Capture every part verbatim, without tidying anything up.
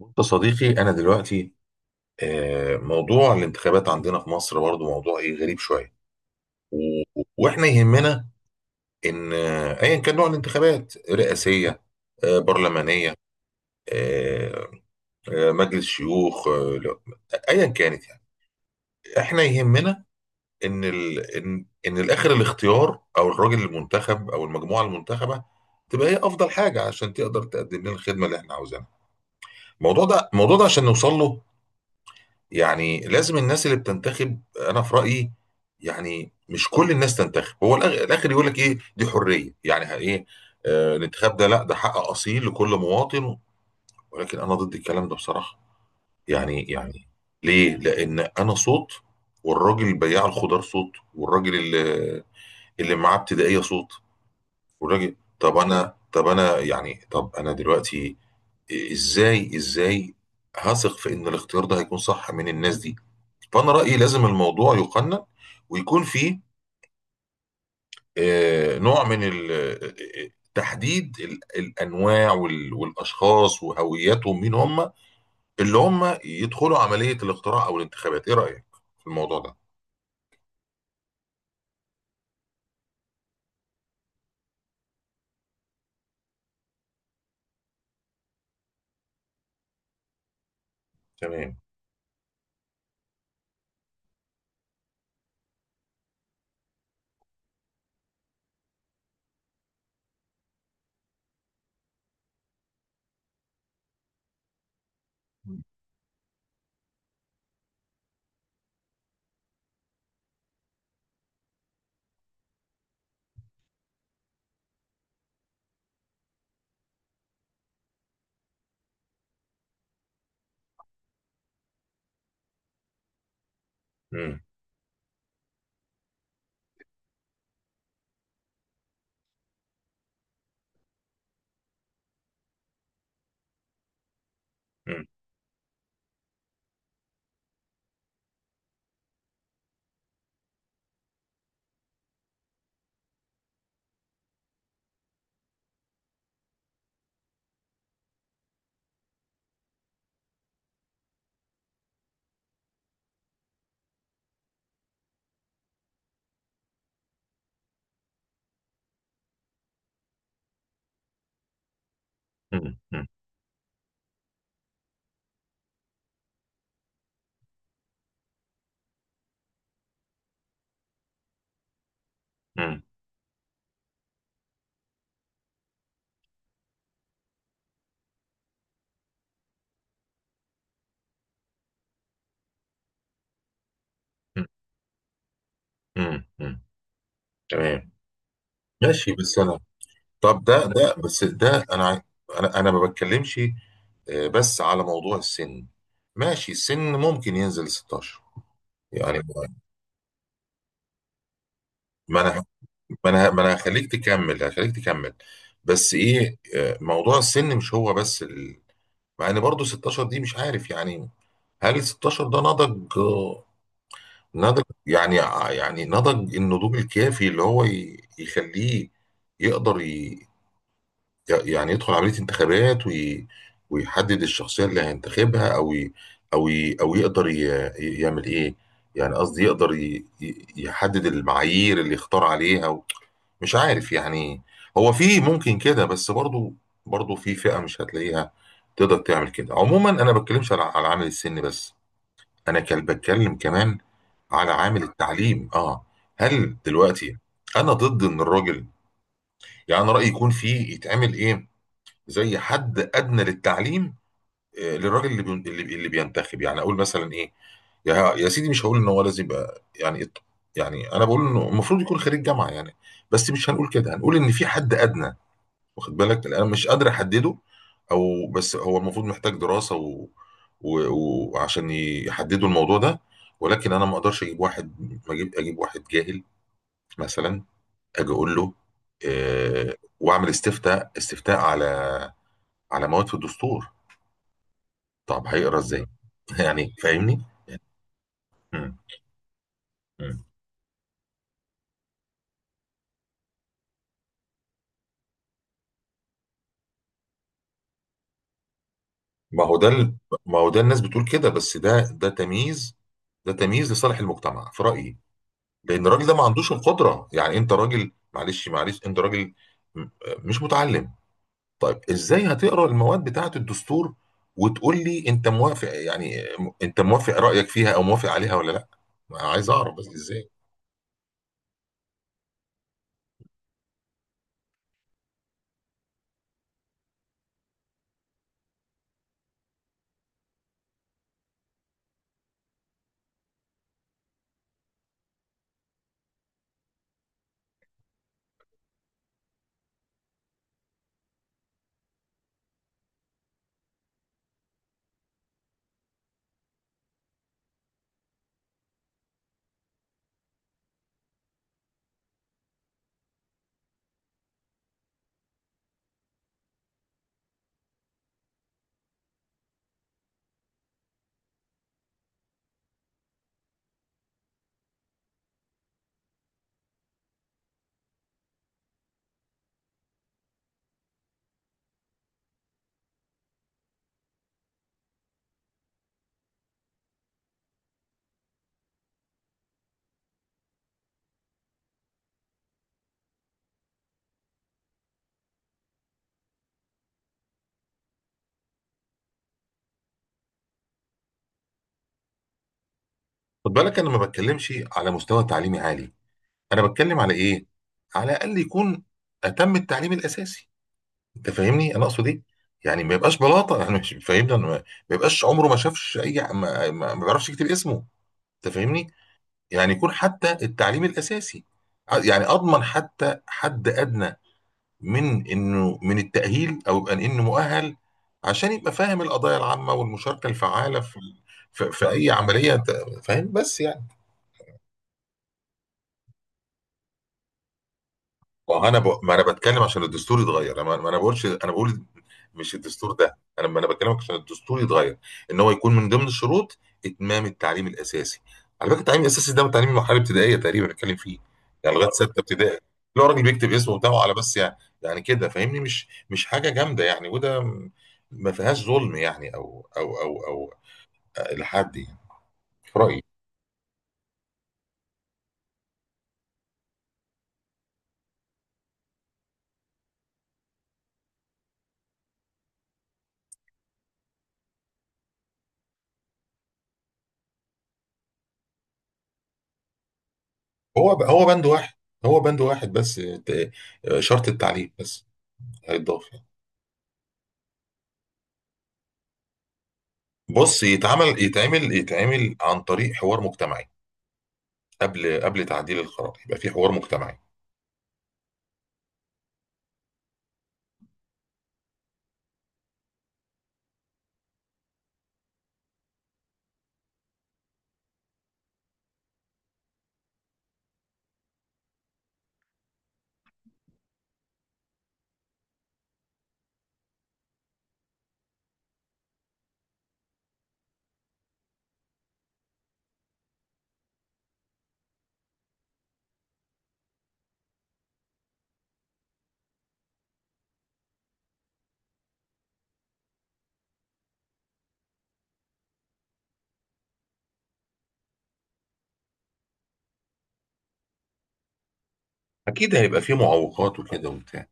بص يا صديقي أنا دلوقتي آه، موضوع الانتخابات عندنا في مصر برضو موضوع إيه غريب شوية. و- وإحنا يهمنا إن آه، أيا كان نوع الانتخابات رئاسية، آه، برلمانية، آه، آه، مجلس شيوخ، آه، لا، أيا كانت يعني. إحنا يهمنا إن ال... إن إن الآخر الاختيار أو الراجل المنتخب أو المجموعة المنتخبة تبقى هي أفضل حاجة عشان تقدر تقدم لنا الخدمة اللي إحنا عاوزينها. الموضوع ده الموضوع ده عشان نوصل له، يعني لازم الناس اللي بتنتخب. انا في رايي يعني مش كل الناس تنتخب. هو الأخ- الاخر يقول لك ايه، دي حريه يعني ه- ايه، آه الانتخاب ده، لا ده حق اصيل لكل مواطن، ولكن انا ضد الكلام ده بصراحه يعني. يعني ليه؟ لان انا صوت، والراجل بياع الخضار صوت، والراجل اللي، اللي معاه ابتدائيه صوت، والراجل. طب انا طب انا يعني طب انا دلوقتي ازاي ازاي هثق في ان الاختيار ده هيكون صح من الناس دي؟ فأنا رأيي لازم الموضوع يقنن ويكون فيه آه، نوع من ال- آه، آه، تحديد ال- الأنواع وال- والأشخاص وهوياتهم، مين هم اللي هم يدخلوا عملية الاقتراع أو الانتخابات؟ إيه رأيك في الموضوع ده؟ تمام. مم. مم. مم. مم. مم. مم. مم. تمام. ماشي بس أنا، طب ده ده بس ده أنا عاي- أنا أنا ما بتكلمش آه، بس على موضوع السن. ماشي السن ممكن ينزل ستاشر يعني. ما انا ما انا ما انا هخليك تكمل، هخليك تكمل بس ايه، آه، موضوع السن مش هو بس ال...، مع ان برضه ستاشر دي مش عارف يعني، هل ستاشر ده نضج، آه، نضج يعني، يعني نضج النضوج الكافي اللي هو ي... يخليه يقدر ي... يعني يدخل عملية انتخابات وي... ويحدد الشخصية اللي هينتخبها، او ي... او ي... او يقدر ي... ي- يعمل ايه، يعني قصدي يقدر ي... ي- يحدد المعايير اللي يختار عليها. مش عارف يعني. هو في ممكن كده، بس برضو، برضو في فئة مش هتلاقيها تقدر تعمل كده. عموما انا ما بتكلمش على على عامل السن بس، انا كان بتكلم كمان على عامل التعليم. اه، هل دلوقتي انا ضد ان الراجل، يعني انا رأيي يكون في، يتعمل ايه زي حد ادنى للتعليم، آه، للراجل اللي بي- اللي اللي بينتخب، يعني اقول مثلا ايه يا يا سيدي، مش هقول ان هو لازم يبقى يعني إط- يعني انا بقول انه المفروض يكون خريج جامعة يعني، بس مش هنقول كده، هنقول ان في حد ادنى. واخد بالك؟ لأن انا مش قادر احدده، او بس هو المفروض محتاج دراسه و... و... وعشان يحددوا الموضوع ده. ولكن انا ما اقدرش اجيب واحد، ما اجيب اجيب واحد جاهل مثلا، اجي اقول له آه... واعمل استفتاء استفتاء على على مواد في الدستور، طب هيقرا ازاي؟ يعني فاهمني. مم. مم. ما هو ده ال... ما هو ده الناس بتقول كده، بس ده ده تمييز، ده تمييز لصالح المجتمع في رايي. لان الراجل ده ما عندوش القدره يعني. انت راجل، معلش معلش، انت راجل م- مش متعلم، طيب ازاي هتقرا المواد بتاعه الدستور، وتقول لي انت موافق؟ يعني انت موافق رايك فيها او موافق عليها ولا لا؟ ما عايز اعرف بس ازاي. خد بالك انا ما بتكلمش على مستوى تعليمي عالي، انا بتكلم على ايه، على الاقل يكون اتم التعليم الاساسي. انت فاهمني انا اقصد ايه، يعني ما يبقاش بلاطه يعني مش فاهمني أنا. ما ما يبقاش عمره ما شافش اي ما, ما ما بيعرفش يكتب اسمه. انت فاهمني، يعني يكون حتى التعليم الأساسي، ع- يعني أضمن حتى حد أدنى من إنه من التأهيل، أو يبقى إنه مؤهل عشان يبقى فاهم القضايا العامة والمشاركة الفعالة في في, في أي عملية. أنت فاهم بس يعني، ما انا ب... ما انا بتكلم عشان الدستور يتغير، انا ما انا بقولش، انا بقول مش الدستور ده، انا ما انا بكلمك عشان الدستور يتغير، ان هو يكون من ضمن الشروط اتمام التعليم الاساسي. على فكره التعليم الاساسي ده تعليم المرحله الابتدائيه تقريبا بنتكلم فيه، يعني لغايه سته ابتدائي، اللي هو راجل بيكتب اسمه بتاعه على بس يعني، يعني كده فاهمني، مش مش حاجه جامده يعني، وده م- ما فيهاش ظلم يعني او او او او لحد يعني، في رايي. هو هو بند واحد، هو بند واحد بس، ت- شرط التعليم بس هيتضاف يعني. بص يتعمل يتعمل يتعمل عن طريق حوار مجتمعي، قبل قبل تعديل القرار يبقى في حوار مجتمعي. اكيد هيبقى في معوقات وكده وبتاع.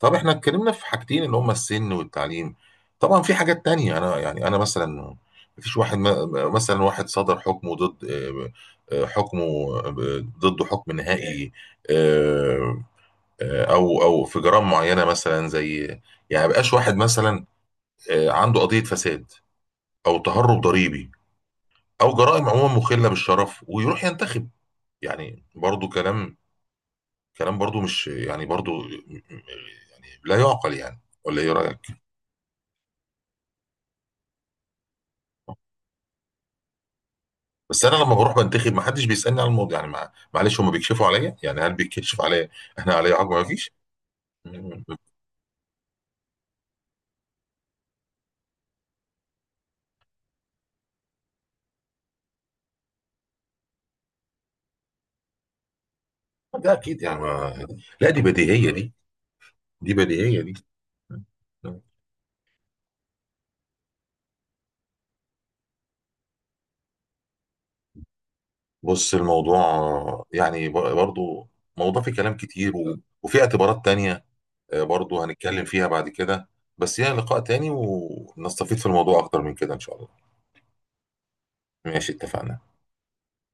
طب احنا اتكلمنا في حاجتين اللي هما السن والتعليم، طبعا في حاجات تانية، انا يعني انا مثلا مفيش واحد م- مثلا واحد صدر حكمه ضد، آه، آه، حكمه آه، ضده حكم نهائي، آه، آه، او او في جرائم معينه مثلا، زي يعني مبقاش واحد مثلا آه، عنده قضيه فساد او تهرب ضريبي، او جرائم عموما مخله بالشرف، ويروح ينتخب؟ يعني برضو كلام، كلام برضو مش يعني برضو يعني لا يعقل يعني، ولا ايه رايك؟ بس انا لما بروح بنتخب ما حدش بيسالني على الموضوع يعني، مع... معلش هم بيكشفوا عليا يعني؟ هل بيكشف عليا احنا عليا حاجه؟ ما فيش. ده اكيد يعني ما... لا دي بديهيه دي، دي بديهيه دي بص الموضوع يعني ب- برضو موضوع فيه كلام كتير و... وفي اعتبارات تانية آه، برضو هنتكلم فيها بعد كده، بس هي لقاء تاني ونستفيد في الموضوع أكتر من كده إن شاء الله. ماشي اتفقنا.